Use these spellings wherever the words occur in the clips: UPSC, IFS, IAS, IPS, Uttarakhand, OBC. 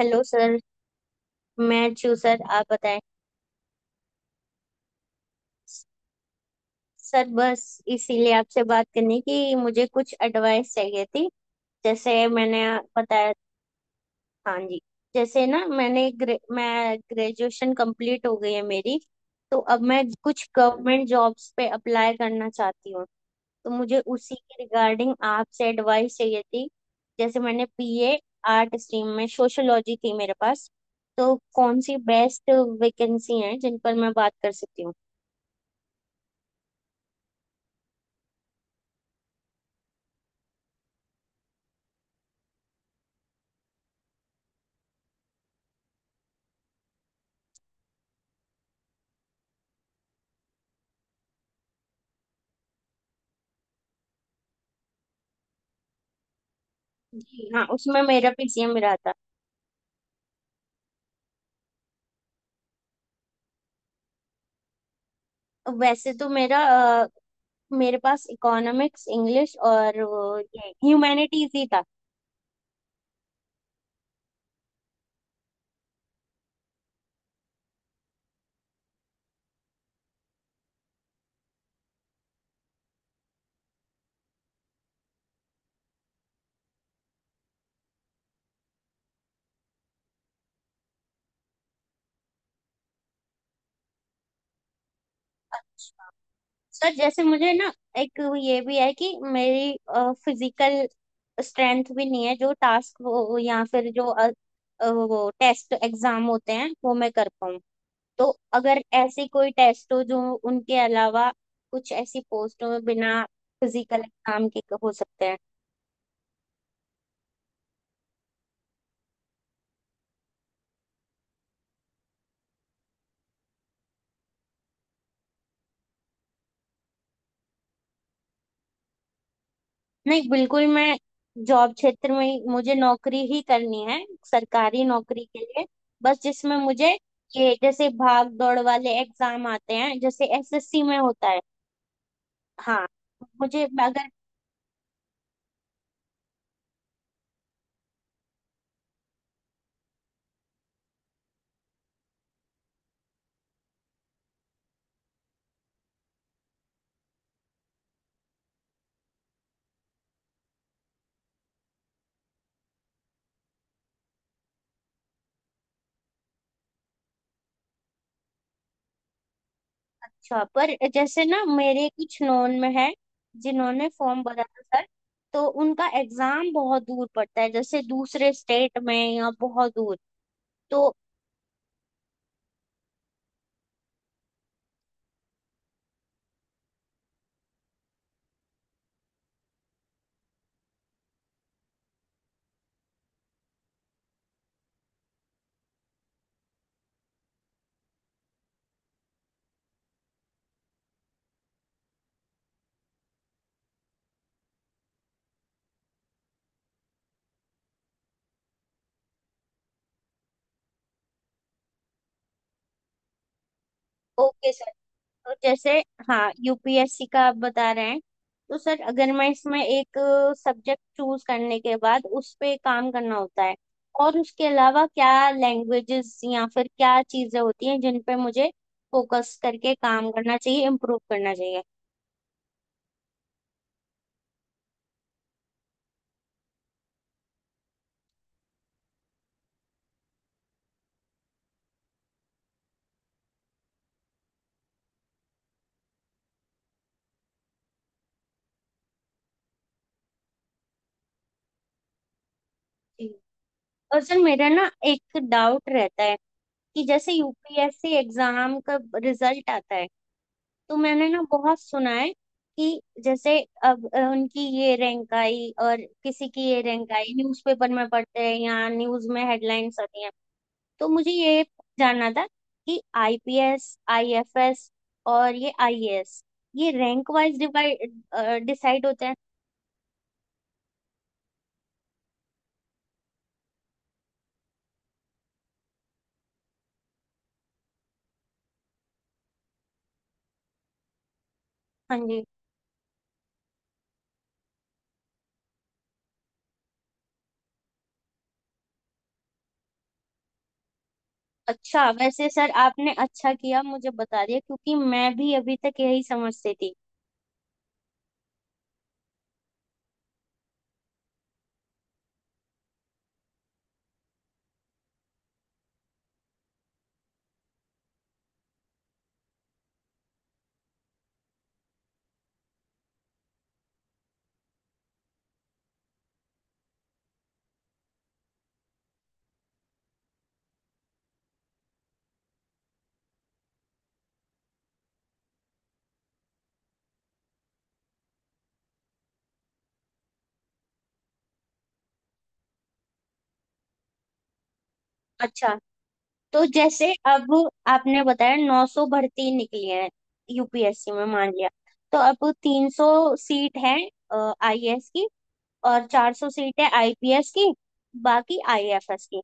Hello sir. मैं अच्छी हूँ सर आप बताएं। सर बस इसीलिए आपसे बात करनी कि मुझे कुछ एडवाइस चाहिए थी। जैसे मैंने बताया। हाँ जी। जैसे ना मैं ग्रेजुएशन कंप्लीट हो गई है मेरी। तो अब मैं कुछ गवर्नमेंट जॉब्स पे अप्लाई करना चाहती हूँ। तो मुझे उसी के रिगार्डिंग आपसे एडवाइस चाहिए थी। जैसे मैंने बीए आर्ट स्ट्रीम में सोशियोलॉजी थी मेरे पास। तो कौन सी बेस्ट वैकेंसी है जिन पर मैं बात कर सकती हूँ। जी हाँ, उसमें मेरा पीसीएम रहा था। वैसे तो मेरा अ, मेरे पास इकोनॉमिक्स इंग्लिश और वो ये ह्यूमैनिटीज ही था। सर जैसे मुझे ना एक ये भी है कि मेरी फिजिकल स्ट्रेंथ भी नहीं है जो टास्क वो या फिर जो वो टेस्ट एग्जाम होते हैं वो मैं कर पाऊँ। तो अगर ऐसी कोई टेस्ट हो जो उनके अलावा कुछ ऐसी पोस्ट हो बिना फिजिकल एग्जाम के हो सकते हैं। नहीं, बिल्कुल मैं जॉब क्षेत्र में ही- मुझे नौकरी ही करनी है सरकारी नौकरी के लिए। बस जिसमें मुझे ये जैसे भाग दौड़ वाले एग्जाम आते हैं जैसे एसएससी में होता है। हाँ, मुझे अगर। अच्छा पर जैसे ना मेरे कुछ नोन में है जिन्होंने फॉर्म भरा था सर। तो उनका एग्जाम बहुत दूर पड़ता है जैसे दूसरे स्टेट में या बहुत दूर। तो ओके सर। तो जैसे हाँ, यूपीएससी का आप बता रहे हैं। तो सर अगर मैं इसमें एक सब्जेक्ट चूज करने के बाद उस पे काम करना होता है और उसके अलावा क्या लैंग्वेजेस या फिर क्या चीजें होती हैं जिन पे मुझे फोकस करके काम करना चाहिए, इम्प्रूव करना चाहिए। जी। और सर मेरा ना एक डाउट रहता है कि जैसे यूपीएससी एग्जाम का रिजल्ट आता है। तो मैंने ना बहुत सुना है कि जैसे अब उनकी ये रैंक आई और किसी की ये रैंक आई, न्यूज़पेपर में पढ़ते हैं या न्यूज़ में हेडलाइंस आती हैं। तो मुझे ये जानना था कि आईपीएस, आईएफएस और ये आईएएस ये रैंक वाइज डिवाइड डिसाइड होते हैं। हाँ जी। अच्छा, वैसे सर आपने अच्छा किया मुझे बता दिया क्योंकि मैं भी अभी तक यही समझती थी। अच्छा, तो जैसे अब आपने बताया 900 भर्ती निकली है यूपीएससी में मान लिया। तो अब 300 सीट है आईएएस की और 400 सीट है आईपीएस की, बाकी आईएफएस की।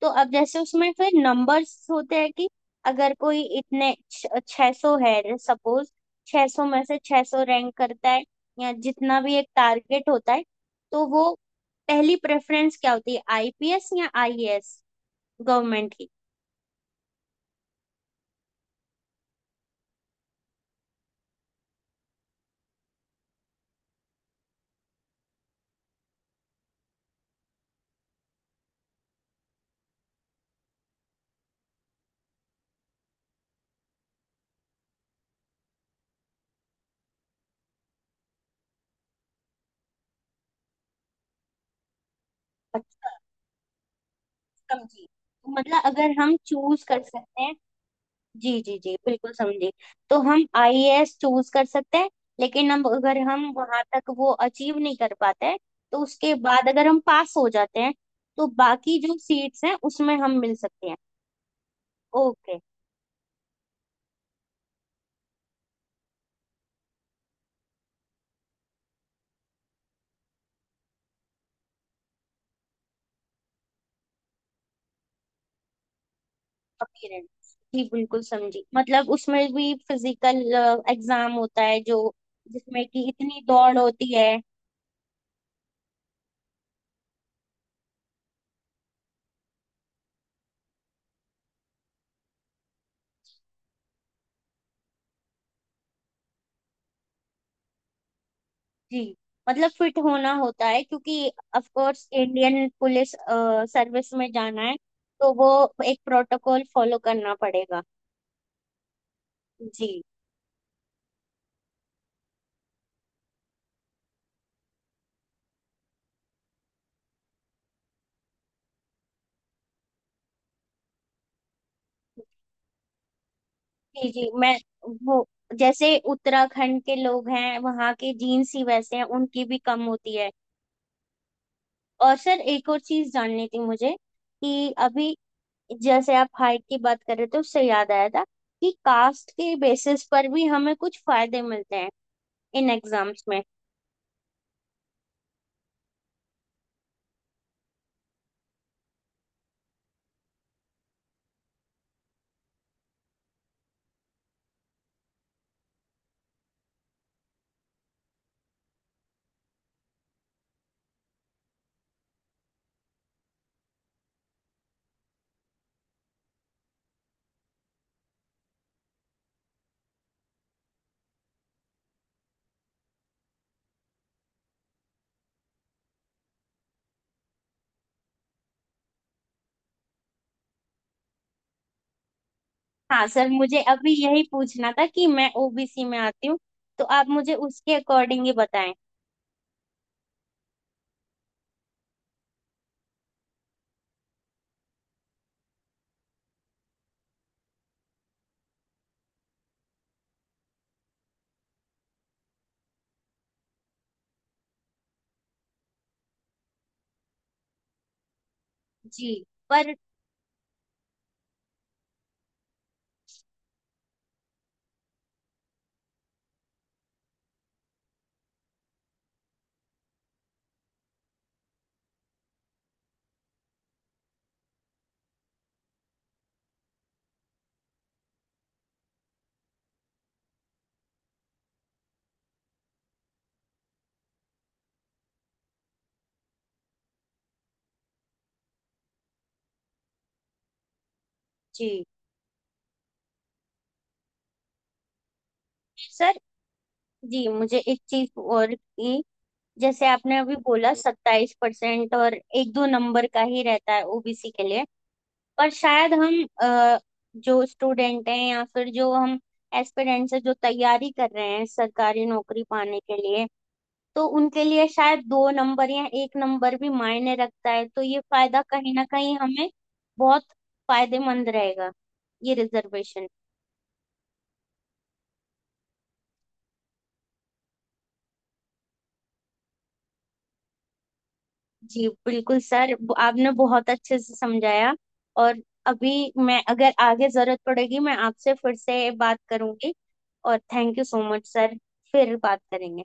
तो अब जैसे उसमें फिर नंबर्स होते हैं कि अगर कोई इतने छह सौ है सपोज, 600 में से 600 रैंक करता है या जितना भी एक टारगेट होता है। तो वो पहली प्रेफरेंस क्या होती है, आईपीएस या आईएएस गवर्नमेंट की। समझी। मतलब अगर हम चूज कर सकते हैं। जी जी जी, बिल्कुल समझी। तो हम आईएएस चूज कर सकते हैं लेकिन हम अगर हम वहां तक वो अचीव नहीं कर पाते हैं, तो उसके बाद अगर हम पास हो जाते हैं तो बाकी जो सीट्स हैं उसमें हम मिल सकते हैं। ओके। अपीयरेंस जी, बिल्कुल समझी। मतलब उसमें भी फिजिकल एग्जाम होता है जो जिसमें कि इतनी दौड़ होती है। जी। मतलब फिट होना होता है क्योंकि of course Indian police service में जाना है। तो वो एक प्रोटोकॉल फॉलो करना पड़ेगा। जी जी जी। मैं वो जैसे उत्तराखंड के लोग हैं वहाँ के जीन्स ही वैसे हैं, उनकी भी कम होती है। और सर एक और चीज जाननी थी मुझे कि अभी जैसे आप हाइट की बात कर रहे थे उससे याद आया था कि कास्ट के बेसिस पर भी हमें कुछ फायदे मिलते हैं इन एग्जाम्स में। हाँ सर, मुझे अभी यही पूछना था कि मैं ओबीसी में आती हूँ। तो आप मुझे उसके अकॉर्डिंग ही बताएं। जी। पर जी सर। जी मुझे एक चीज और की, जैसे आपने अभी बोला 27% और एक दो नंबर का ही रहता है ओबीसी के लिए। पर शायद हम जो स्टूडेंट हैं या फिर जो हम एस्पिरेंट्स से जो तैयारी कर रहे हैं सरकारी नौकरी पाने के लिए, तो उनके लिए शायद दो नंबर या एक नंबर भी मायने रखता है। तो ये फायदा कहीं ना कहीं हमें बहुत फायदेमंद रहेगा ये रिजर्वेशन। जी बिल्कुल सर, आपने बहुत अच्छे से समझाया। और अभी मैं अगर आगे जरूरत पड़ेगी मैं आपसे फिर से बात करूंगी। और thank you so much sir, फिर बात करेंगे।